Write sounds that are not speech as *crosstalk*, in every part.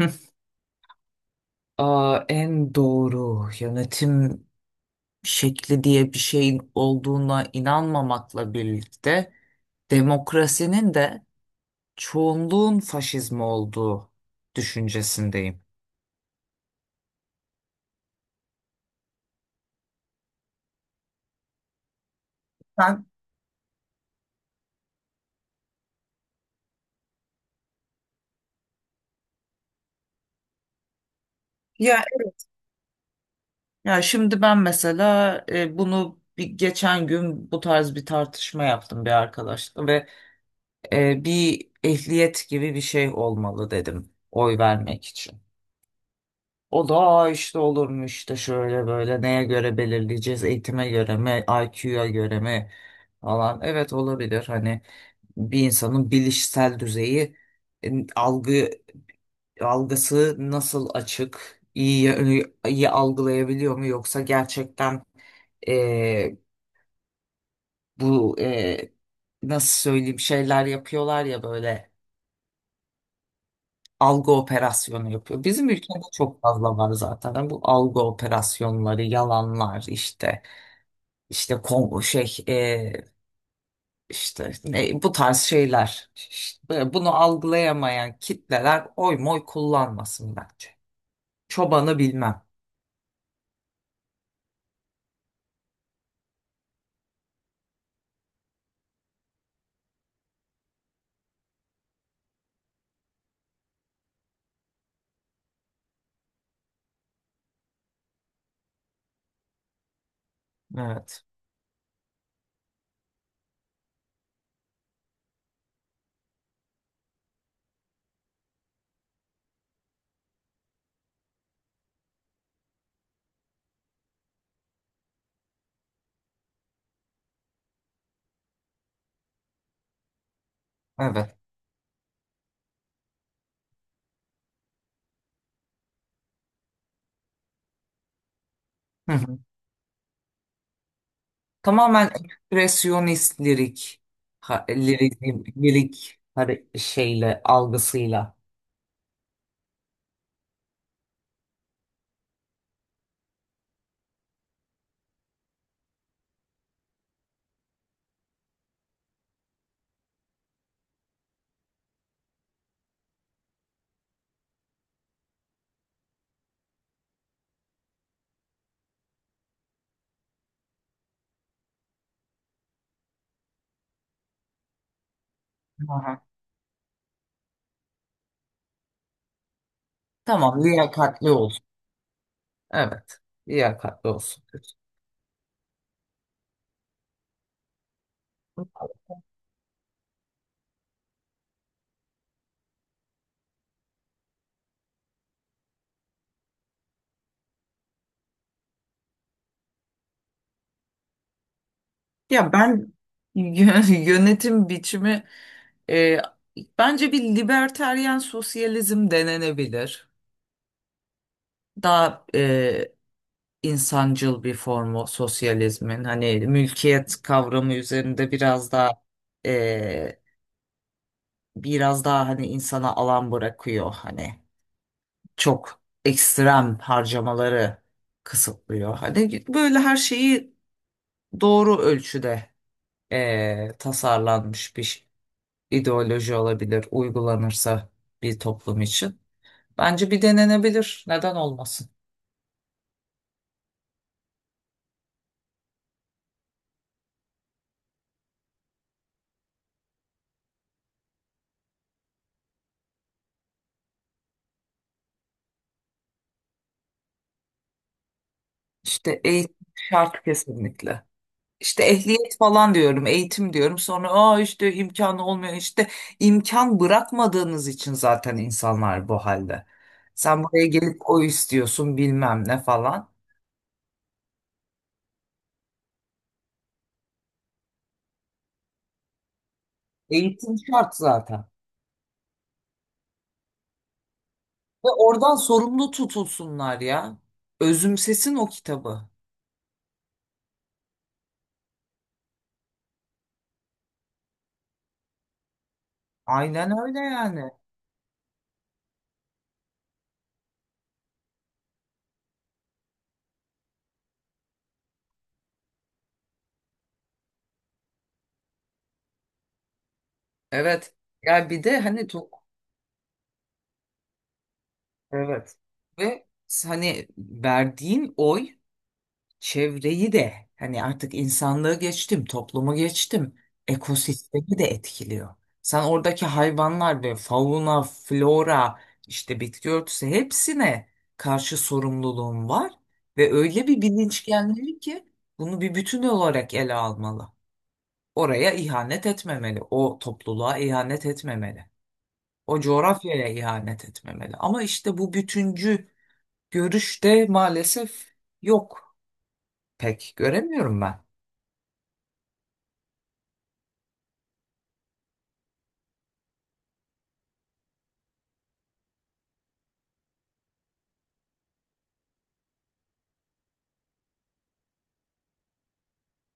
Hı. En doğru yönetim şekli diye bir şeyin olduğuna inanmamakla birlikte demokrasinin de çoğunluğun faşizmi olduğu düşüncesindeyim. Ben, Ya evet. Ya şimdi ben mesela bunu bir geçen gün bu tarz bir tartışma yaptım bir arkadaşla ve bir ehliyet gibi bir şey olmalı dedim oy vermek için. O da, "Aa işte olurmuş işte şöyle böyle neye göre belirleyeceğiz, eğitime göre mi, IQ'ya göre mi falan. Evet, olabilir. Hani bir insanın bilişsel düzeyi, algı algısı nasıl, açık, iyi algılayabiliyor mu, yoksa gerçekten e, bu nasıl söyleyeyim, şeyler yapıyorlar ya, böyle algı operasyonu yapıyor. Bizim ülkede çok fazla var zaten. Yani bu algı operasyonları, yalanlar, işte İşte Kongo şey işte ne, bu tarz şeyler. İşte bunu algılayamayan kitleler oy moy kullanmasın bence. Çobanı bilmem. Evet. Evet. *laughs* Tamamen ekspresyonist lirik, lirik, şeyle, algısıyla. Aha. Tamam, liyakatli olsun. Evet, liyakatli olsun. Ya ben *laughs* yönetim biçimi, e, bence bir libertaryen sosyalizm denenebilir. Daha insancıl bir formu sosyalizmin. Hani mülkiyet kavramı üzerinde biraz daha e, biraz daha, hani insana alan bırakıyor, hani çok ekstrem harcamaları kısıtlıyor. Hani böyle her şeyi doğru ölçüde tasarlanmış bir ideoloji olabilir, uygulanırsa bir toplum için. Bence bir denenebilir. Neden olmasın? İşte eğitim şart kesinlikle. İşte ehliyet falan diyorum, eğitim diyorum. Sonra aa, işte imkanı olmuyor. İşte imkan bırakmadığınız için zaten insanlar bu halde. Sen buraya gelip o istiyorsun bilmem ne falan. Eğitim şart zaten. Ve oradan sorumlu tutulsunlar ya. Özümsesin o kitabı. Aynen öyle yani. Evet. Ya bir de hani çok evet. Ve hani verdiğin oy çevreyi de, hani artık insanlığı geçtim, toplumu geçtim, ekosistemi de etkiliyor. Sen oradaki hayvanlar ve fauna, flora, işte bitki örtüsü, hepsine karşı sorumluluğun var ve öyle bir bilinç gelmeli ki bunu bir bütün olarak ele almalı. Oraya ihanet etmemeli, o topluluğa ihanet etmemeli, o coğrafyaya ihanet etmemeli. Ama işte bu bütüncü görüşte maalesef yok. Pek göremiyorum ben.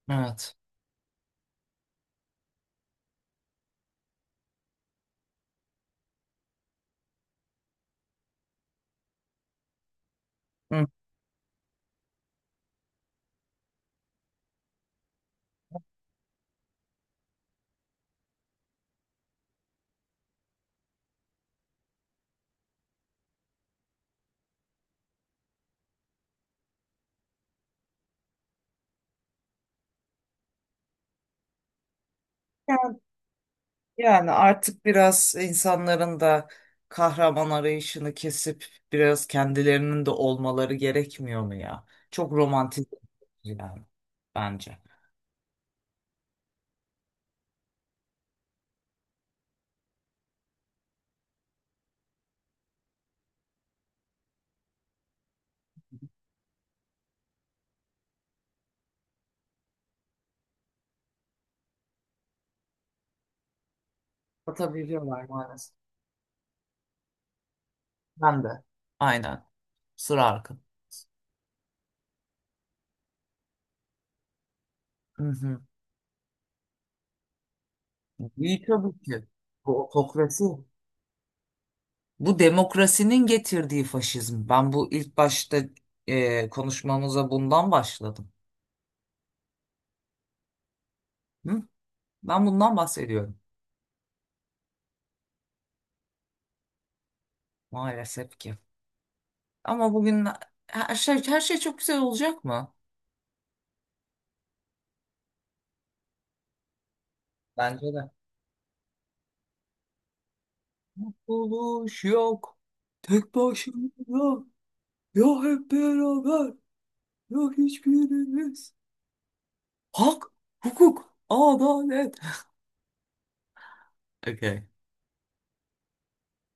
Evet. Hı. Yani artık biraz insanların da kahraman arayışını kesip biraz kendilerinin de olmaları gerekmiyor mu ya? Çok romantik yani bence. Atabiliyorlar maalesef. Ben de. Aynen. Sıra arkın. Hı hı. İyi, tabii ki. Bu otokrasi. Bu demokrasinin getirdiği faşizm. Ben bu ilk başta konuşmamıza bundan başladım. Hı? Ben bundan bahsediyorum. Maalesef ki. Ama bugün her şey, her şey çok güzel olacak mı? Bence de. Mutluluş yok. Tek başına. Ya hep beraber. Ya hiçbirimiz. Hak, hukuk, adalet. Okay.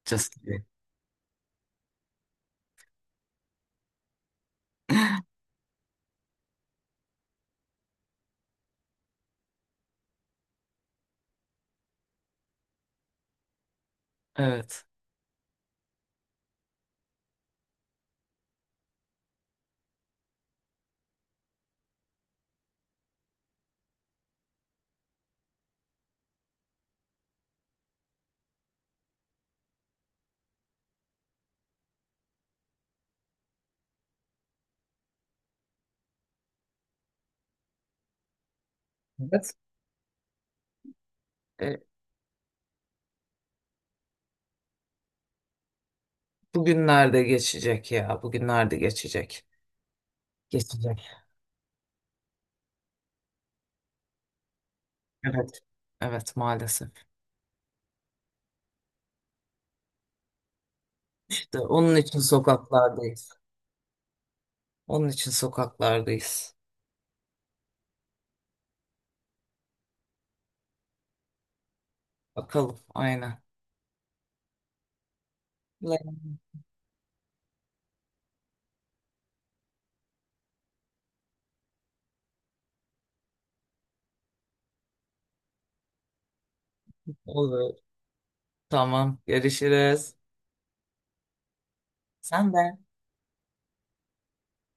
Just kidding. Evet. Evet. E, Bugünlerde geçecek ya. Bugünlerde geçecek. Geçecek. Evet. Evet maalesef. İşte onun için sokaklardayız. Onun için sokaklardayız. Bakalım aynen. Olur. Tamam, görüşürüz. Sen de.